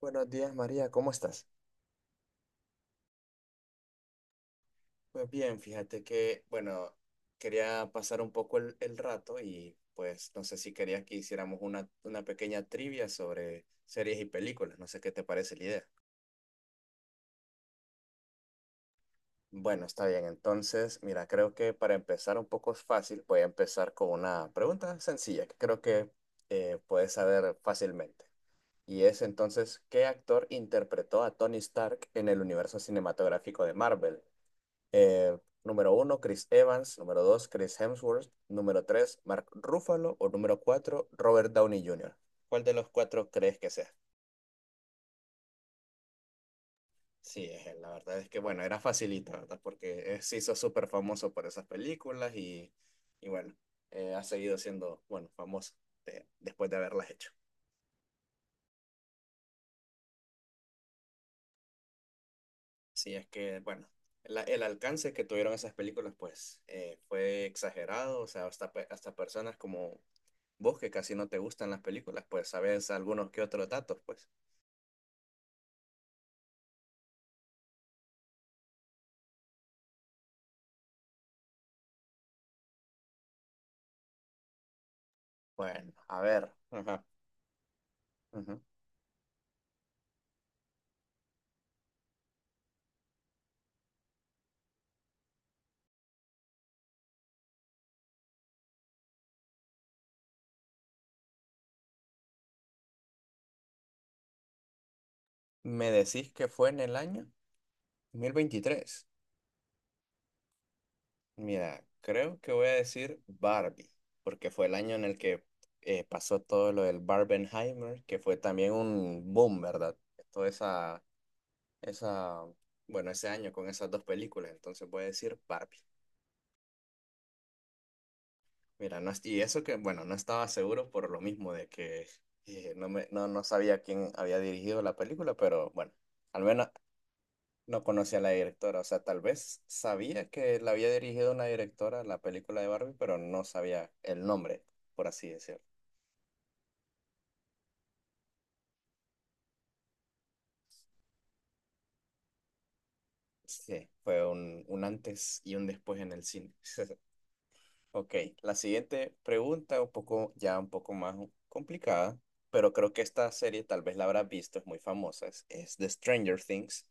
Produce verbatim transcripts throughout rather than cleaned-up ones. Buenos días, María, ¿cómo estás? Pues bien, fíjate que, bueno, quería pasar un poco el, el rato y pues no sé si querías que hiciéramos una, una pequeña trivia sobre series y películas, no sé qué te parece la idea. Bueno, está bien, entonces, mira, creo que para empezar un poco fácil, voy a empezar con una pregunta sencilla que creo que eh, puedes saber fácilmente. Y es entonces, ¿qué actor interpretó a Tony Stark en el universo cinematográfico de Marvel? Eh, número uno, Chris Evans. Número dos, Chris Hemsworth. Número tres, Mark Ruffalo. O número cuatro, Robert Downey junior ¿Cuál de los cuatro crees que sea? Sí, es él. La verdad es que, bueno, era facilita, ¿verdad? Porque él se hizo súper famoso por esas películas y, y bueno, eh, ha seguido siendo, bueno, famoso de- después de haberlas hecho. Sí, es que, bueno, la- el alcance que tuvieron esas películas, pues, eh, fue exagerado. O sea, hasta, pe- hasta personas como vos que casi no te gustan las películas, pues sabés algunos que otros datos, pues. Bueno, a ver. Ajá, ujú. Me decís que fue en el año dos mil veintitrés. Mira, creo que voy a decir Barbie, porque fue el año en el que eh, pasó todo lo del Barbenheimer, que fue también un boom, ¿verdad? Toda esa, esa, bueno, ese año con esas dos películas, entonces voy a decir Barbie. Mira, no, est- y eso que, bueno, no estaba seguro por lo mismo de que eh, no, me, no, no sabía quién había dirigido la película, pero bueno, al menos no conocía a la directora. O sea, tal vez sabía que la había dirigido una directora la película de Barbie, pero no sabía el nombre, por así decirlo. Sí, fue un, un antes y un después en el cine. Ok, la siguiente pregunta, un poco, ya un poco más complicada, pero creo que esta serie tal vez la habrás visto, es muy famosa, es, es de Stranger Things,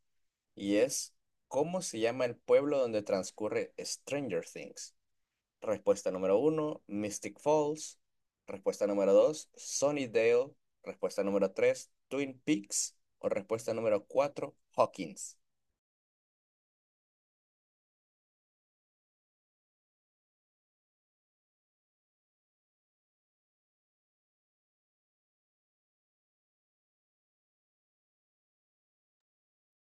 y es, ¿cómo se llama el pueblo donde transcurre Stranger Things? Respuesta número uno, Mystic Falls. Respuesta número dos, Sunnydale. Respuesta número tres, Twin Peaks. O respuesta número cuatro, Hawkins.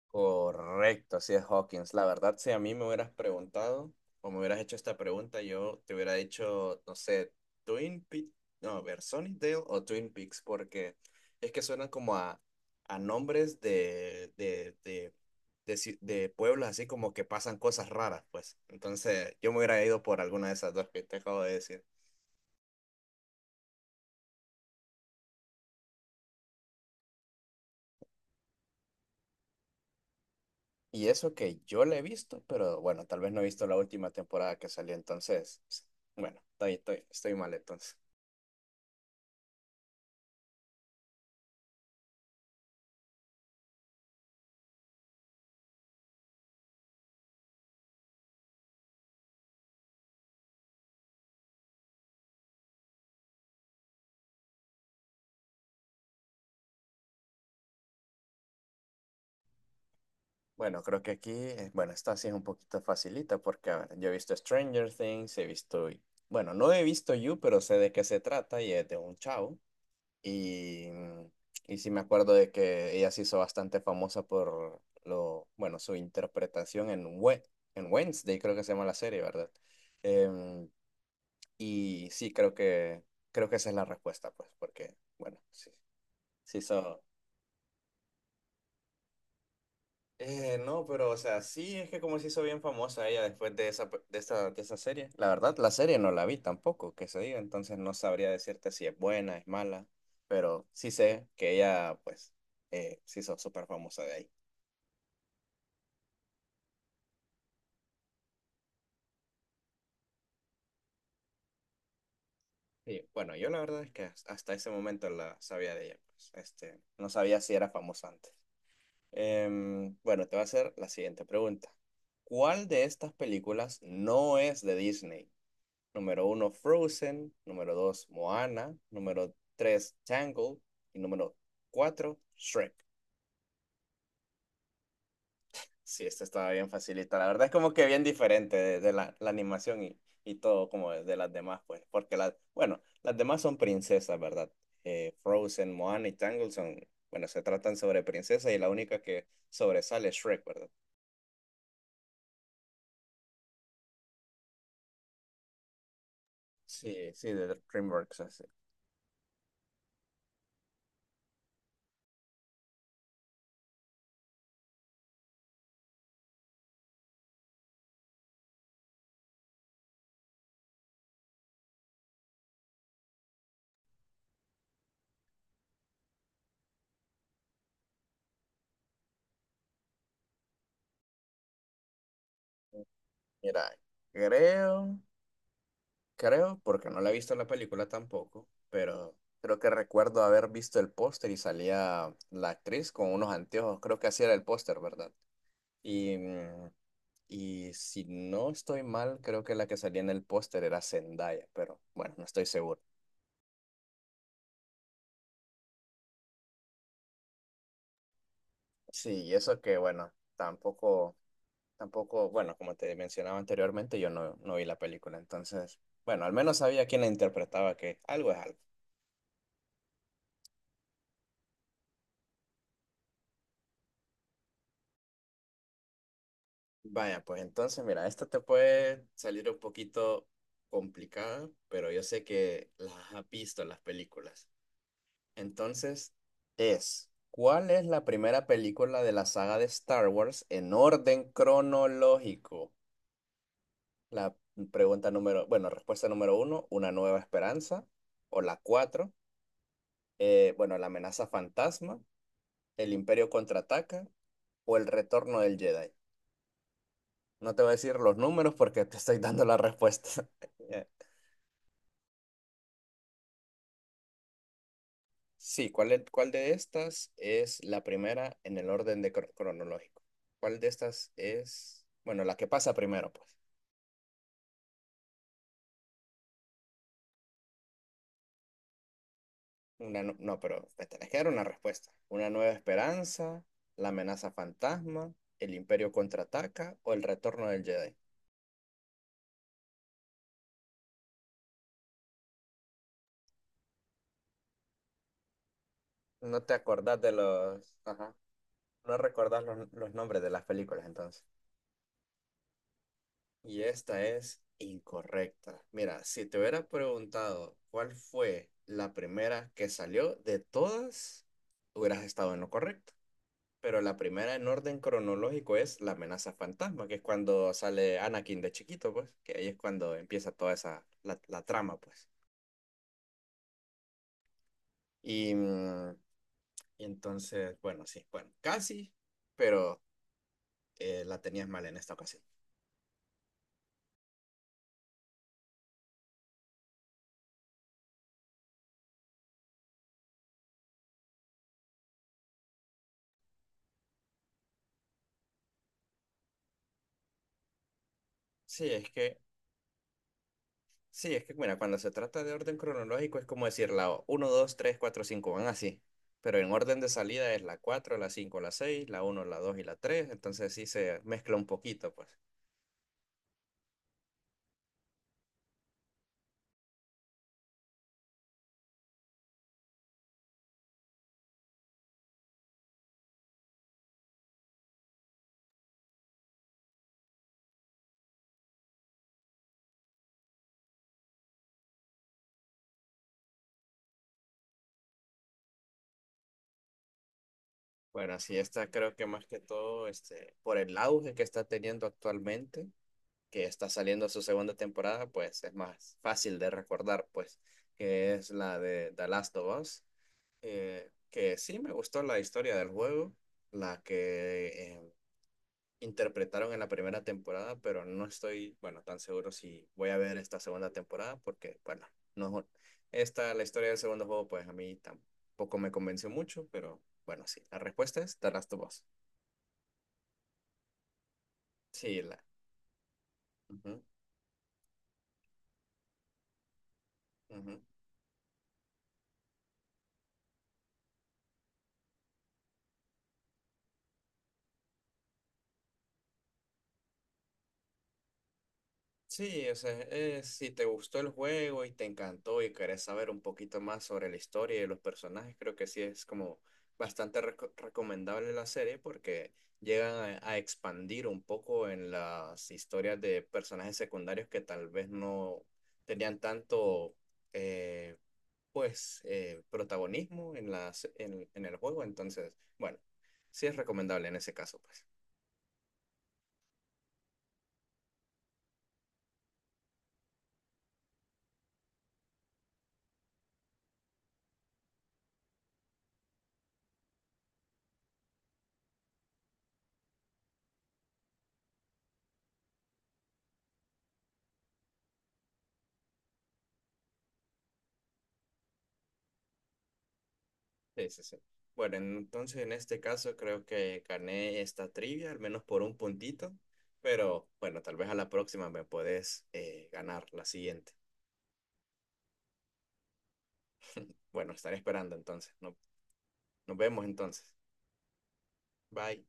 Correcto, así es Hawkins. La verdad, si a mí me hubieras preguntado o me hubieras hecho esta pregunta, yo te hubiera dicho, no sé, Twin Peaks, no, a ver, Sunnydale o Twin Peaks, porque es que suenan como a, a nombres de, de, de, de, ci- de pueblos así como que pasan cosas raras, pues. Entonces, yo me hubiera ido por alguna de esas dos que te acabo de decir. Y eso que yo la he visto, pero bueno, tal vez no he visto la última temporada que salió, entonces, bueno, estoy, estoy, estoy mal entonces. Bueno, creo que aquí, eh, bueno, esta sí es un poquito facilita porque, a ver, yo he visto Stranger Things, he visto, bueno, no he visto You, pero sé de qué se trata y es de un chavo. Y, mm, y sí me acuerdo de que ella se hizo bastante famosa por lo, bueno, su interpretación en, We- en Wednesday, creo que se llama la serie, ¿verdad? Em, y sí, creo que, creo que esa es la respuesta, pues, porque, bueno, sí, sí. Eh, no, pero o sea, sí, es que como se hizo bien famosa ella después de esa, pe- de esa, de esa serie. La verdad, la serie no la vi tampoco, que se diga, entonces no sabría decirte si es buena, es mala, pero sí sé que ella, pues, eh, se hizo súper famosa de ahí. Sí bueno, yo la verdad es que has- hasta ese momento la sabía de ella, pues, este, no sabía si era famosa antes. Em, bueno, te voy a hacer la siguiente pregunta. ¿Cuál de estas películas no es de Disney? Número uno, Frozen. Número dos, Moana. Número tres, Tangled. Y número cuatro, Shrek. Sí, esta estaba bien facilita. La verdad es como que bien diferente de, de la, la animación y, y todo como de, de las demás, pues. Porque las, bueno, las demás son princesas, ¿verdad? Eh, Frozen, Moana y Tangled son, bueno, se tratan sobre princesas y la única que sobresale es Shrek, ¿verdad? Sí, sí, de DreamWorks, así. Mira, creo. Creo, porque no la he visto la película tampoco, pero creo que recuerdo haber visto el póster y salía la actriz con unos anteojos, creo que así era el póster, ¿verdad? Y, mm, y si no estoy mal, creo que la que salía en el póster era Zendaya, pero bueno, no estoy seguro. Sí, y eso que bueno, tampoco, tampoco, bueno, como te mencionaba anteriormente, yo no, no vi la película, entonces, bueno, al menos sabía quién la interpretaba, que algo es algo. Vaya, pues entonces, mira, esta te puede salir un poquito complicada, pero yo sé que las has visto en las películas. Entonces, es, ¿cuál es la primera película de la saga de Star Wars en orden cronológico? La pregunta número, bueno, respuesta número uno, Una Nueva Esperanza, o la cuatro, eh, bueno, La Amenaza Fantasma, El Imperio Contraataca, o El Retorno del Jedi. No te voy a decir los números porque te estoy dando la respuesta. Sí, ¿cuál, es- cuál de estas es la primera en el orden de cro- cronológico? ¿Cuál de estas es, bueno, la que pasa primero, pues? Una, nu- no, pero me tenés que dar una respuesta. ¿Una nueva esperanza, la amenaza fantasma, el imperio contraataca o el retorno del Jedi? No te acordás de los... Ajá. No recordás los, los nombres de las películas, entonces. Y esta es incorrecta. Mira, si te hubiera preguntado cuál fue la primera que salió de todas, hubieras estado en lo correcto. Pero la primera en orden cronológico es la amenaza fantasma, que es cuando sale Anakin de chiquito, pues, que ahí es cuando empieza toda esa, la, la trama, pues. Y, mm, y entonces, bueno, sí, bueno, casi, pero eh, la tenías mal en esta ocasión. Sí, es que sí, es que, mira, cuando se trata de orden cronológico es como decir la uno dos tres cuatro cinco van así. Pero en orden de salida es la cuatro la cinco la seis la uno la dos y la tres. Entonces sí se mezcla un poquito, pues. Bueno, así está, creo que más que todo, este, por el auge que está teniendo actualmente, que está saliendo su segunda temporada, pues es más fácil de recordar, pues, que es la de The Last of Us. Eh, que sí me gustó la historia del juego, la que eh, interpretaron en la primera temporada, pero no estoy, bueno, tan seguro si voy a ver esta segunda temporada porque, bueno, no, esta, la historia del segundo juego, pues a mí tampoco me convenció mucho, pero bueno, sí, la respuesta es The Last of Us. Sí, la. Ujú, ujú. Sí, o sea, eh, si te gustó el juego y te encantó y querés saber un poquito más sobre la historia y los personajes, creo que sí es como bastante reco- recomendable la serie porque llegan a, a expandir un poco en las historias de personajes secundarios que tal vez no tenían tanto, eh, pues, eh, protagonismo en las, en, en el juego. Entonces, bueno, sí es recomendable en ese caso, pues. Sí, sí, sí. Bueno, entonces en este caso creo que gané esta trivia, al menos por un puntito, pero bueno, tal vez a la próxima me podés eh, ganar la siguiente. Bueno, estaré esperando entonces. No- nos vemos entonces. Bye.